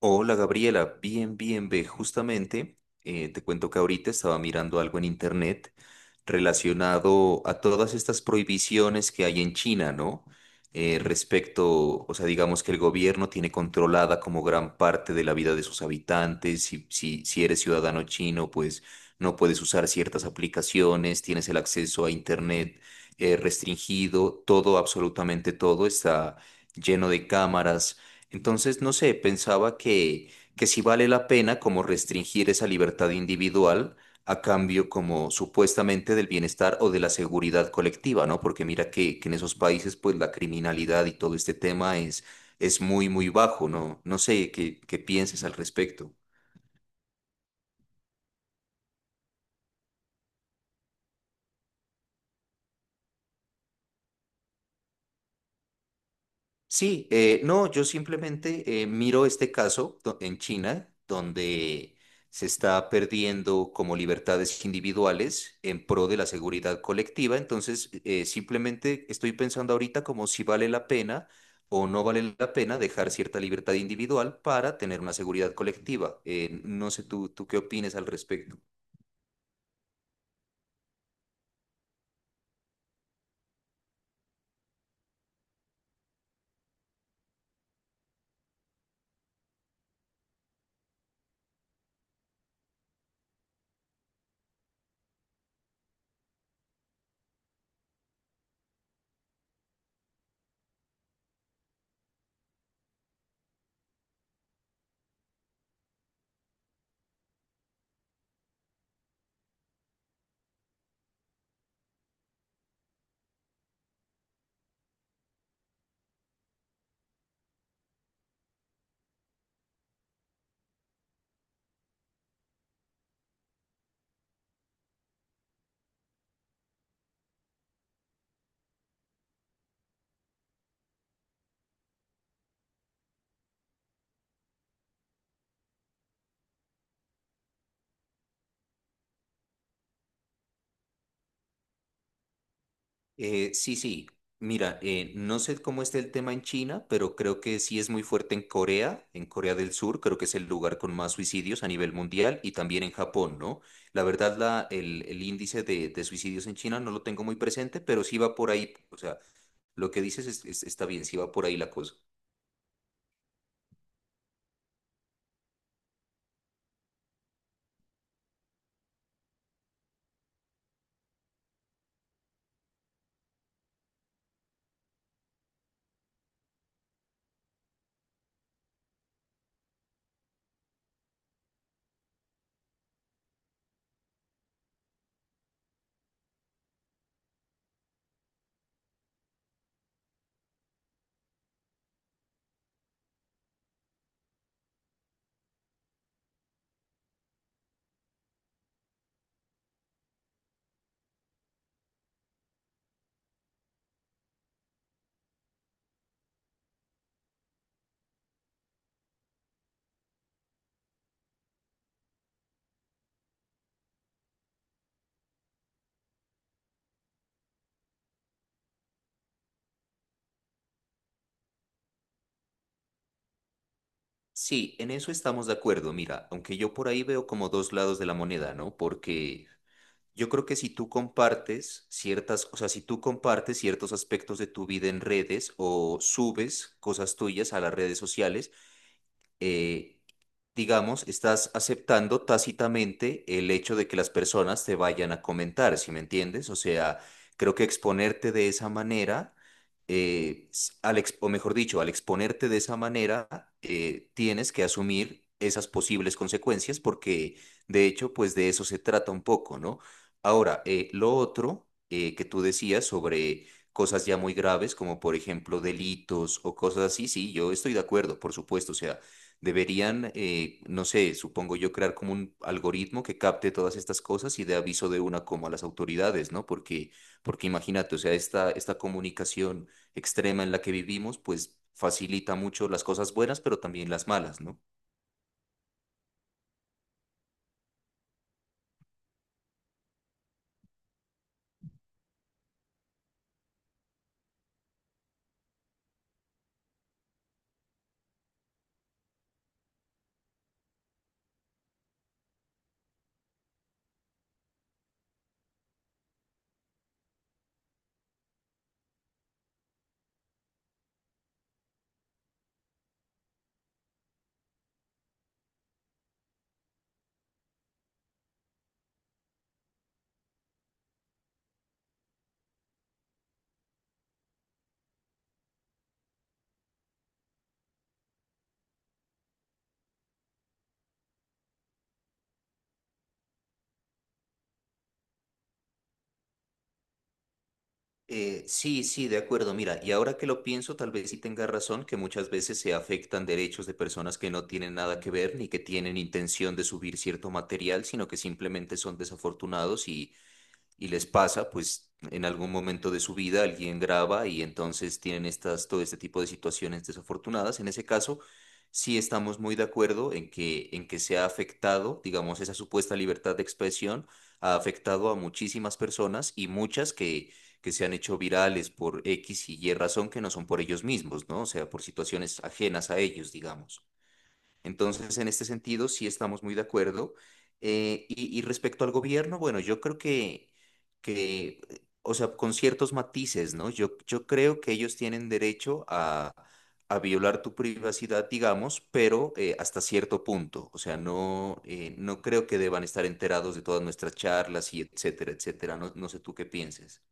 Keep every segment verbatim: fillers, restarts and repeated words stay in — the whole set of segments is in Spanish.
Hola Gabriela, bien, bien, ve, justamente eh, te cuento que ahorita estaba mirando algo en internet relacionado a todas estas prohibiciones que hay en China, ¿no? Eh, respecto, o sea, digamos que el gobierno tiene controlada como gran parte de la vida de sus habitantes, si, si, si eres ciudadano chino, pues no puedes usar ciertas aplicaciones, tienes el acceso a internet eh, restringido, todo, absolutamente todo está lleno de cámaras. Entonces, no sé, pensaba que, que sí vale la pena como restringir esa libertad individual a cambio como supuestamente del bienestar o de la seguridad colectiva, ¿no? Porque mira que, que en esos países pues la criminalidad y todo este tema es, es muy, muy bajo, ¿no? No sé qué, qué pienses al respecto. Sí, eh, no, yo simplemente eh, miro este caso do- en China, donde se está perdiendo como libertades individuales en pro de la seguridad colectiva. Entonces, eh, simplemente estoy pensando ahorita como si vale la pena o no vale la pena dejar cierta libertad individual para tener una seguridad colectiva. Eh, no sé tú, tú qué opinas al respecto. Eh, sí, sí. Mira, eh, no sé cómo está el tema en China, pero creo que sí es muy fuerte en Corea, en Corea del Sur, creo que es el lugar con más suicidios a nivel mundial y también en Japón, ¿no? La verdad, la, el, el índice de, de suicidios en China no lo tengo muy presente, pero sí va por ahí, o sea, lo que dices es- es- está bien, sí va por ahí la cosa. Sí, en eso estamos de acuerdo, mira, aunque yo por ahí veo como dos lados de la moneda, ¿no? Porque… Yo creo que si tú compartes ciertas, o sea, si tú compartes ciertos aspectos de tu vida en redes o subes cosas tuyas a las redes sociales, eh, digamos, estás aceptando tácitamente el hecho de que las personas te vayan a comentar, ¿sí me entiendes? O sea, creo que exponerte de esa manera, eh, s- al ex- o mejor dicho, al exponerte de esa manera, eh, tienes que asumir esas posibles consecuencias porque, de hecho, pues de eso se trata un poco, ¿no? Ahora, eh, lo otro eh, que tú decías sobre cosas ya muy graves, como por ejemplo delitos o cosas así, sí, yo estoy de acuerdo, por supuesto, o sea, deberían, eh, no sé, supongo yo, crear como un algoritmo que capte todas estas cosas y dé aviso de una como a las autoridades, ¿no? Porque, porque imagínate, o sea, esta, esta comunicación extrema en la que vivimos, pues facilita mucho las cosas buenas, pero también las malas, ¿no? Eh, sí, sí, de acuerdo. Mira, y ahora que lo pienso, tal vez sí tenga razón que muchas veces se afectan derechos de personas que no tienen nada que ver ni que tienen intención de subir cierto material, sino que simplemente son desafortunados y y les pasa, pues en algún momento de su vida alguien graba y entonces tienen estas, todo este tipo de situaciones desafortunadas. En ese caso, sí estamos muy de acuerdo en que, en que se ha afectado, digamos, esa supuesta libertad de expresión ha afectado a muchísimas personas y muchas que, que se han hecho virales por X y Y razón que no son por ellos mismos, ¿no? O sea, por situaciones ajenas a ellos, digamos. Entonces, en este sentido, sí estamos muy de acuerdo. Eh, y, y respecto al gobierno, bueno, yo creo que, que, o sea, con ciertos matices, ¿no? Yo, yo creo que ellos tienen derecho a, a violar tu privacidad, digamos, pero eh, hasta cierto punto. O sea, no, eh, no creo que deban estar enterados de todas nuestras charlas y etcétera, etcétera. No, no sé tú qué pienses.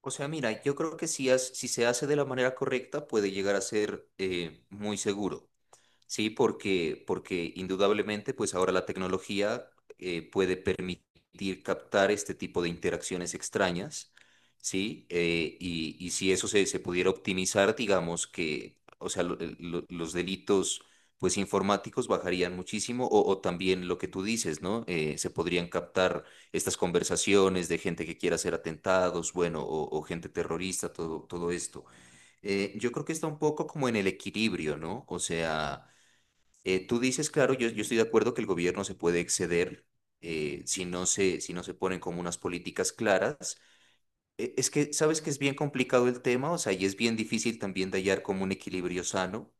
O sea, mira, yo creo que si, has- si se hace de la manera correcta, puede llegar a ser eh, muy seguro. Sí, porque, porque indudablemente, pues ahora la tecnología eh, puede permitir captar este tipo de interacciones extrañas, ¿sí? Eh, y, y si eso se, se pudiera optimizar, digamos que, o sea, lo- lo- los delitos pues informáticos bajarían muchísimo, o, o también lo que tú dices, ¿no? Eh, se podrían captar estas conversaciones de gente que quiera hacer atentados, bueno, o, o gente terrorista, todo, todo esto. Eh, yo creo que está un poco como en el equilibrio, ¿no? O sea, eh, tú dices, claro, yo, yo estoy de acuerdo que el gobierno se puede exceder eh, si no se, si no se ponen como unas políticas claras. Eh, es que, ¿sabes que es bien complicado el tema? O sea, y es bien difícil también de hallar como un equilibrio sano.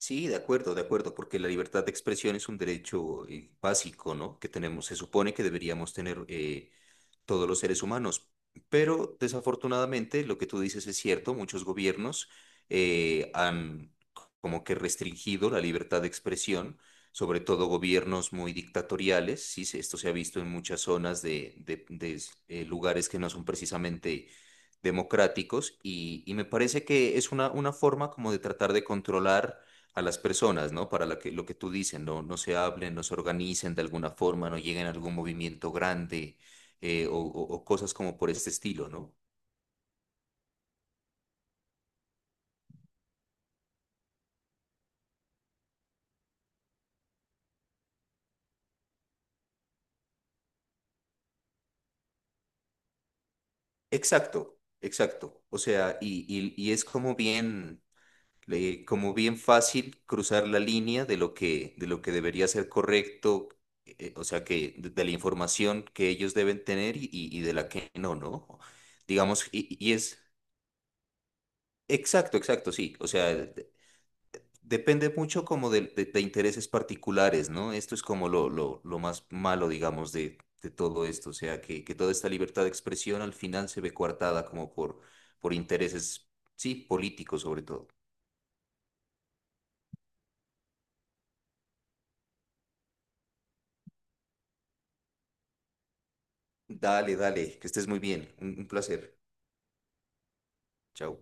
Sí, de acuerdo, de acuerdo, porque la libertad de expresión es un derecho eh, básico, ¿no? Que tenemos, se supone que deberíamos tener eh, todos los seres humanos. Pero desafortunadamente, lo que tú dices es cierto, muchos gobiernos eh, han como que restringido la libertad de expresión, sobre todo gobiernos muy dictatoriales, sí, se- esto se ha visto en muchas zonas de, de- de s- eh, lugares que no son precisamente democráticos y, y me parece que es una, una forma como de tratar de controlar a las personas, ¿no? Para la que, lo que tú dices, no, no se hablen, no se organicen de alguna forma, no lleguen a algún movimiento grande, eh, o, o- o cosas como por este estilo, ¿no? Exacto, exacto. O sea, y, y- y es como bien, eh, como bien fácil cruzar la línea de lo que, de lo que debería ser correcto, eh, o sea, que de, de la información que ellos deben tener y, y- y de la que no, ¿no? Digamos, y, y es… Exacto, exacto, sí. O sea, depende mucho como de, de- de intereses particulares, ¿no? Esto es como lo, lo, lo más malo, digamos, de, de todo esto. O sea, que, que toda esta libertad de expresión al final se ve coartada como por, por intereses, sí, políticos sobre todo. Dale, dale, que estés muy bien. un un placer. Chao.